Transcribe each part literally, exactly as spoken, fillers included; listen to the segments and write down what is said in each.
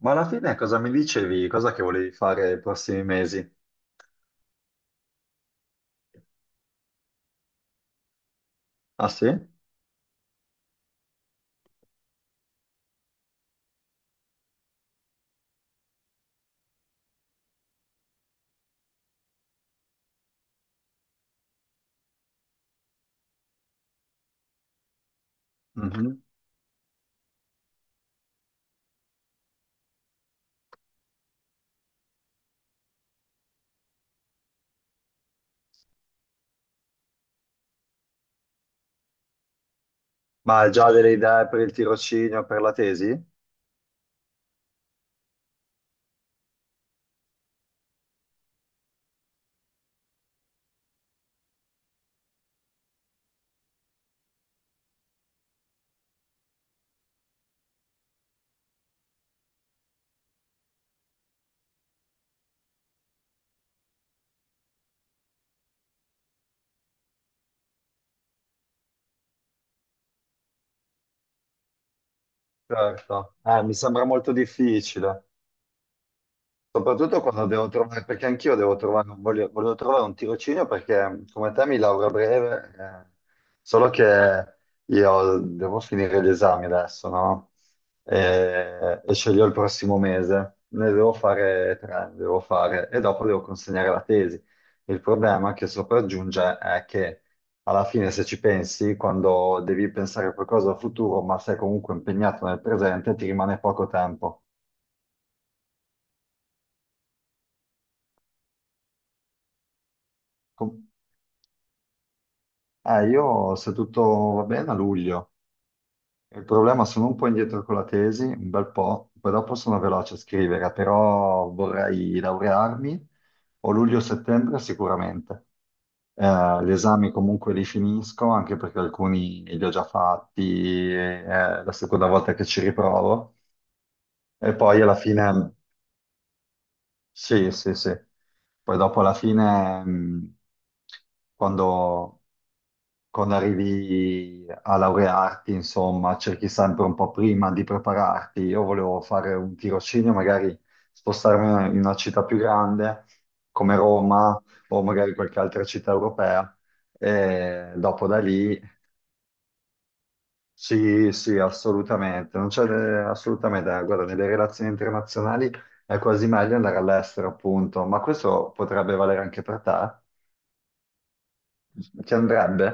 Ma alla fine cosa mi dicevi? Cosa che volevi fare i prossimi mesi? Ah sì? Mhm. Ma hai già delle idee per il tirocinio, per la tesi? Certo. Eh, mi sembra molto difficile. Soprattutto quando devo trovare, perché anch'io devo trovare, un- voglio, volevo trovare un tirocinio perché come te mi lauro a breve, eh, solo che io devo finire gli esami adesso, no? E, e sceglierò il prossimo mese, ne devo fare tre, ne devo fare, e dopo devo consegnare la tesi. Il problema che sopraggiunge è che alla fine se ci pensi, quando devi pensare a qualcosa al futuro, ma sei comunque impegnato nel presente, ti rimane poco tempo. Com- Eh, io, se tutto va bene, a luglio. Il problema, sono un po' indietro con la tesi, un bel po', poi dopo sono veloce a scrivere, però vorrei laurearmi o luglio-settembre sicuramente. Eh, gli esami comunque li finisco, anche perché alcuni li ho già fatti, eh, è la seconda volta che ci riprovo. E poi alla fine. Sì, sì, sì. Poi dopo alla fine, mh, quando, quando arrivi a laurearti, insomma, cerchi sempre un po' prima di prepararti. Io volevo fare un tirocinio, magari spostarmi in una città più grande come Roma o magari qualche altra città europea. E dopo da lì sì, sì, assolutamente, non c'è eh, assolutamente, eh, guarda, nelle relazioni internazionali è quasi meglio andare all'estero, appunto, ma questo potrebbe valere anche per te? Ti andrebbe?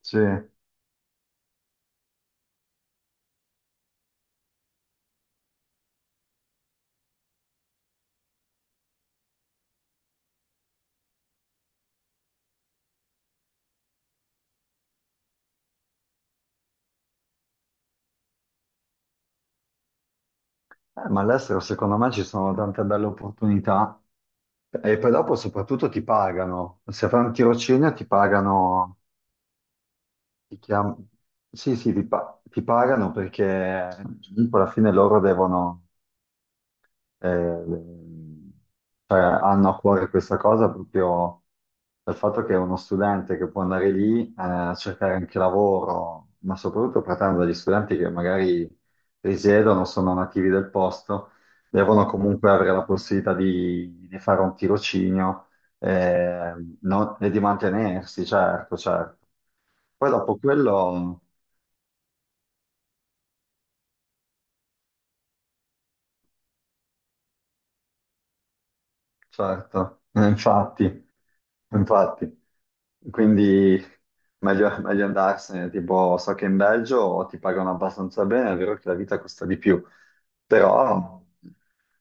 Sì, Eh, ma all'estero secondo me ci sono tante belle opportunità e poi dopo soprattutto ti pagano, se fai un tirocinio ti pagano, ti chiam- sì, sì, ti, pa- ti pagano perché comunque alla fine loro devono... Eh, ehm, cioè, hanno a cuore questa cosa proprio dal fatto che è uno studente che può andare lì eh, a cercare anche lavoro, ma soprattutto partendo dagli studenti che magari risiedono, sono nativi del posto, devono comunque avere la possibilità di, di fare un tirocinio eh, non- e di mantenersi, certo, certo. Poi dopo quello. Certo, Eh, infatti, infatti. Quindi meglio, meglio andarsene, tipo so che in Belgio ti pagano abbastanza bene, è vero che la vita costa di più, però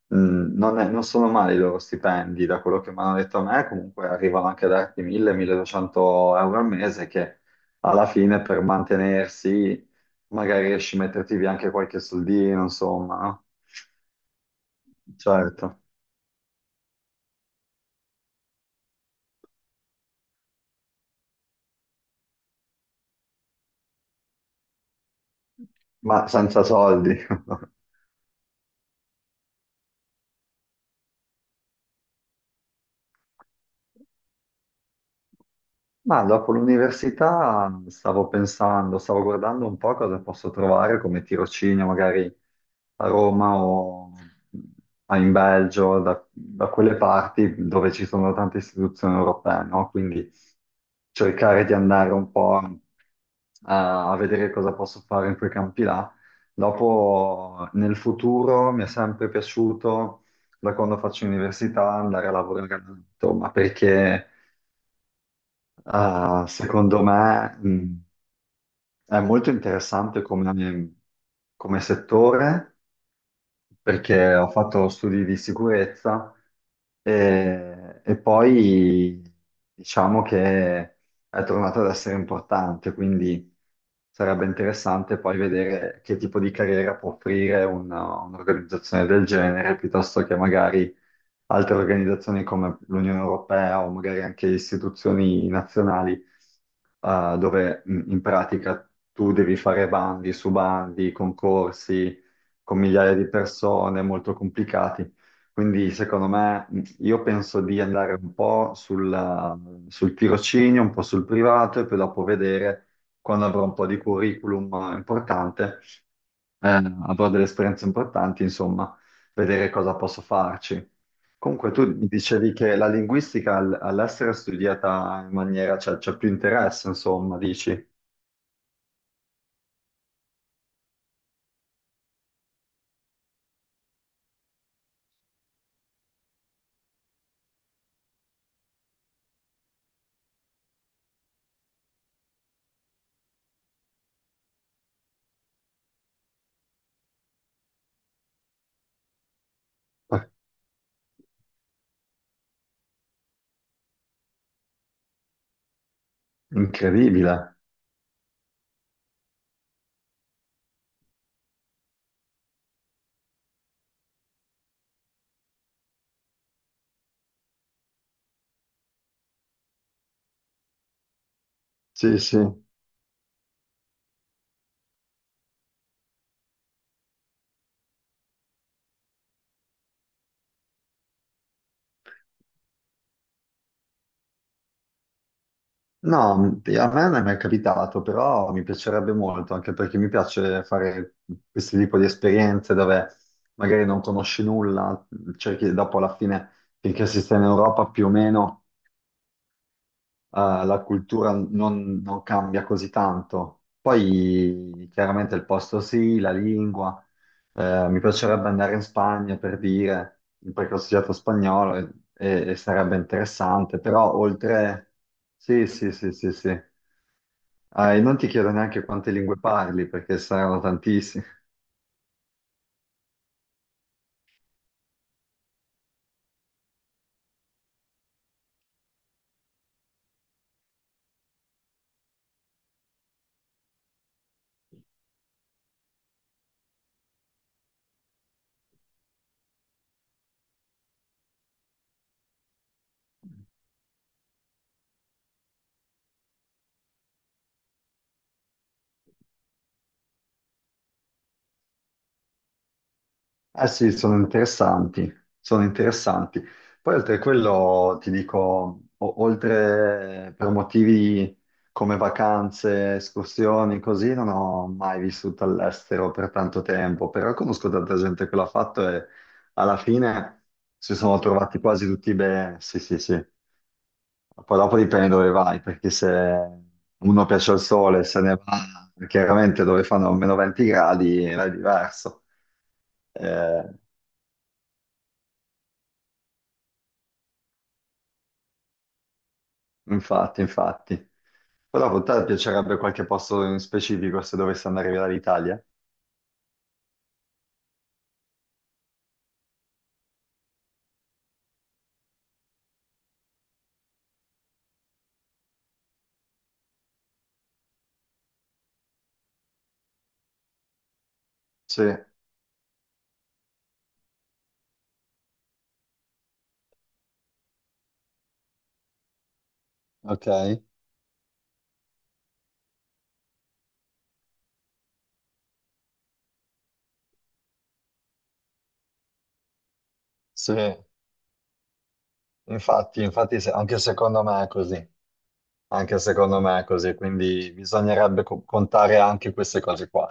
mh, non, è- non sono male i loro stipendi, da quello che mi hanno detto a me, comunque arrivano anche a darti mille-milleduecento euro al mese che alla fine per mantenersi magari riesci a metterti via anche qualche soldino, insomma, no? Certo, ma senza soldi. Ma dopo l'università stavo pensando, stavo guardando un po' cosa posso trovare come tirocinio, magari a Roma o a- in Belgio, da, da quelle parti dove ci sono tante istituzioni europee, no? Quindi cercare di andare un po' a, a vedere cosa posso fare in quei campi là. Dopo, nel futuro, mi è sempre piaciuto, da quando faccio università, andare a lavorare all'estero, ma perché... Ah, secondo me, mh, è molto interessante come, come settore, perché ho fatto studi di sicurezza e, e poi diciamo che è tornato ad essere importante, quindi sarebbe interessante poi vedere che tipo di carriera può offrire una- un'organizzazione del genere, piuttosto che magari altre organizzazioni come l'Unione Europea o magari anche istituzioni nazionali, eh, dove mh, in pratica tu devi fare bandi su bandi, concorsi con migliaia di persone, molto complicati. Quindi, secondo me, mh, io penso di andare un po' sulla- sul tirocinio, un po' sul privato e poi dopo vedere, quando avrò un po' di curriculum importante, eh, avrò delle esperienze importanti, insomma, vedere cosa posso farci. Comunque, tu mi dicevi che la linguistica all- all'estero è studiata in maniera, cioè c'è più interesse, insomma, dici. Incredibile. Sì, sì. No, m- a me non è mai capitato, però mi piacerebbe molto, anche perché mi piace fare questo tipo di esperienze dove magari non conosci nulla, cerchi dopo alla fine, finché si sta in Europa più o meno, eh, la cultura non, non cambia così tanto. Poi chiaramente il posto sì, la lingua. Eh, mi piacerebbe andare in Spagna per dire, perché ho studiato spagnolo e, e- e sarebbe interessante, però oltre... Sì, sì, sì, sì, sì. Ah, e non ti chiedo neanche quante lingue parli, perché saranno tantissime. Eh sì, sono interessanti, sono interessanti. Poi oltre a quello ti dico, o- oltre per motivi come vacanze, escursioni, così, non ho mai vissuto all'estero per tanto tempo, però conosco tanta gente che l'ha fatto e alla fine si sono trovati quasi tutti bene. Sì, sì, sì. Poi dopo dipende dove vai, perché se uno piace al sole, se ne va, chiaramente dove fanno meno venti gradi là è diverso. Eh, Infatti, infatti. Però a te piacerebbe qualche posto in specifico se dovessi andare via dall'Italia? Sì, ok. Sì, infatti, infatti se- anche secondo me è così. Anche secondo me è così, quindi bisognerebbe co- contare anche queste cose qua.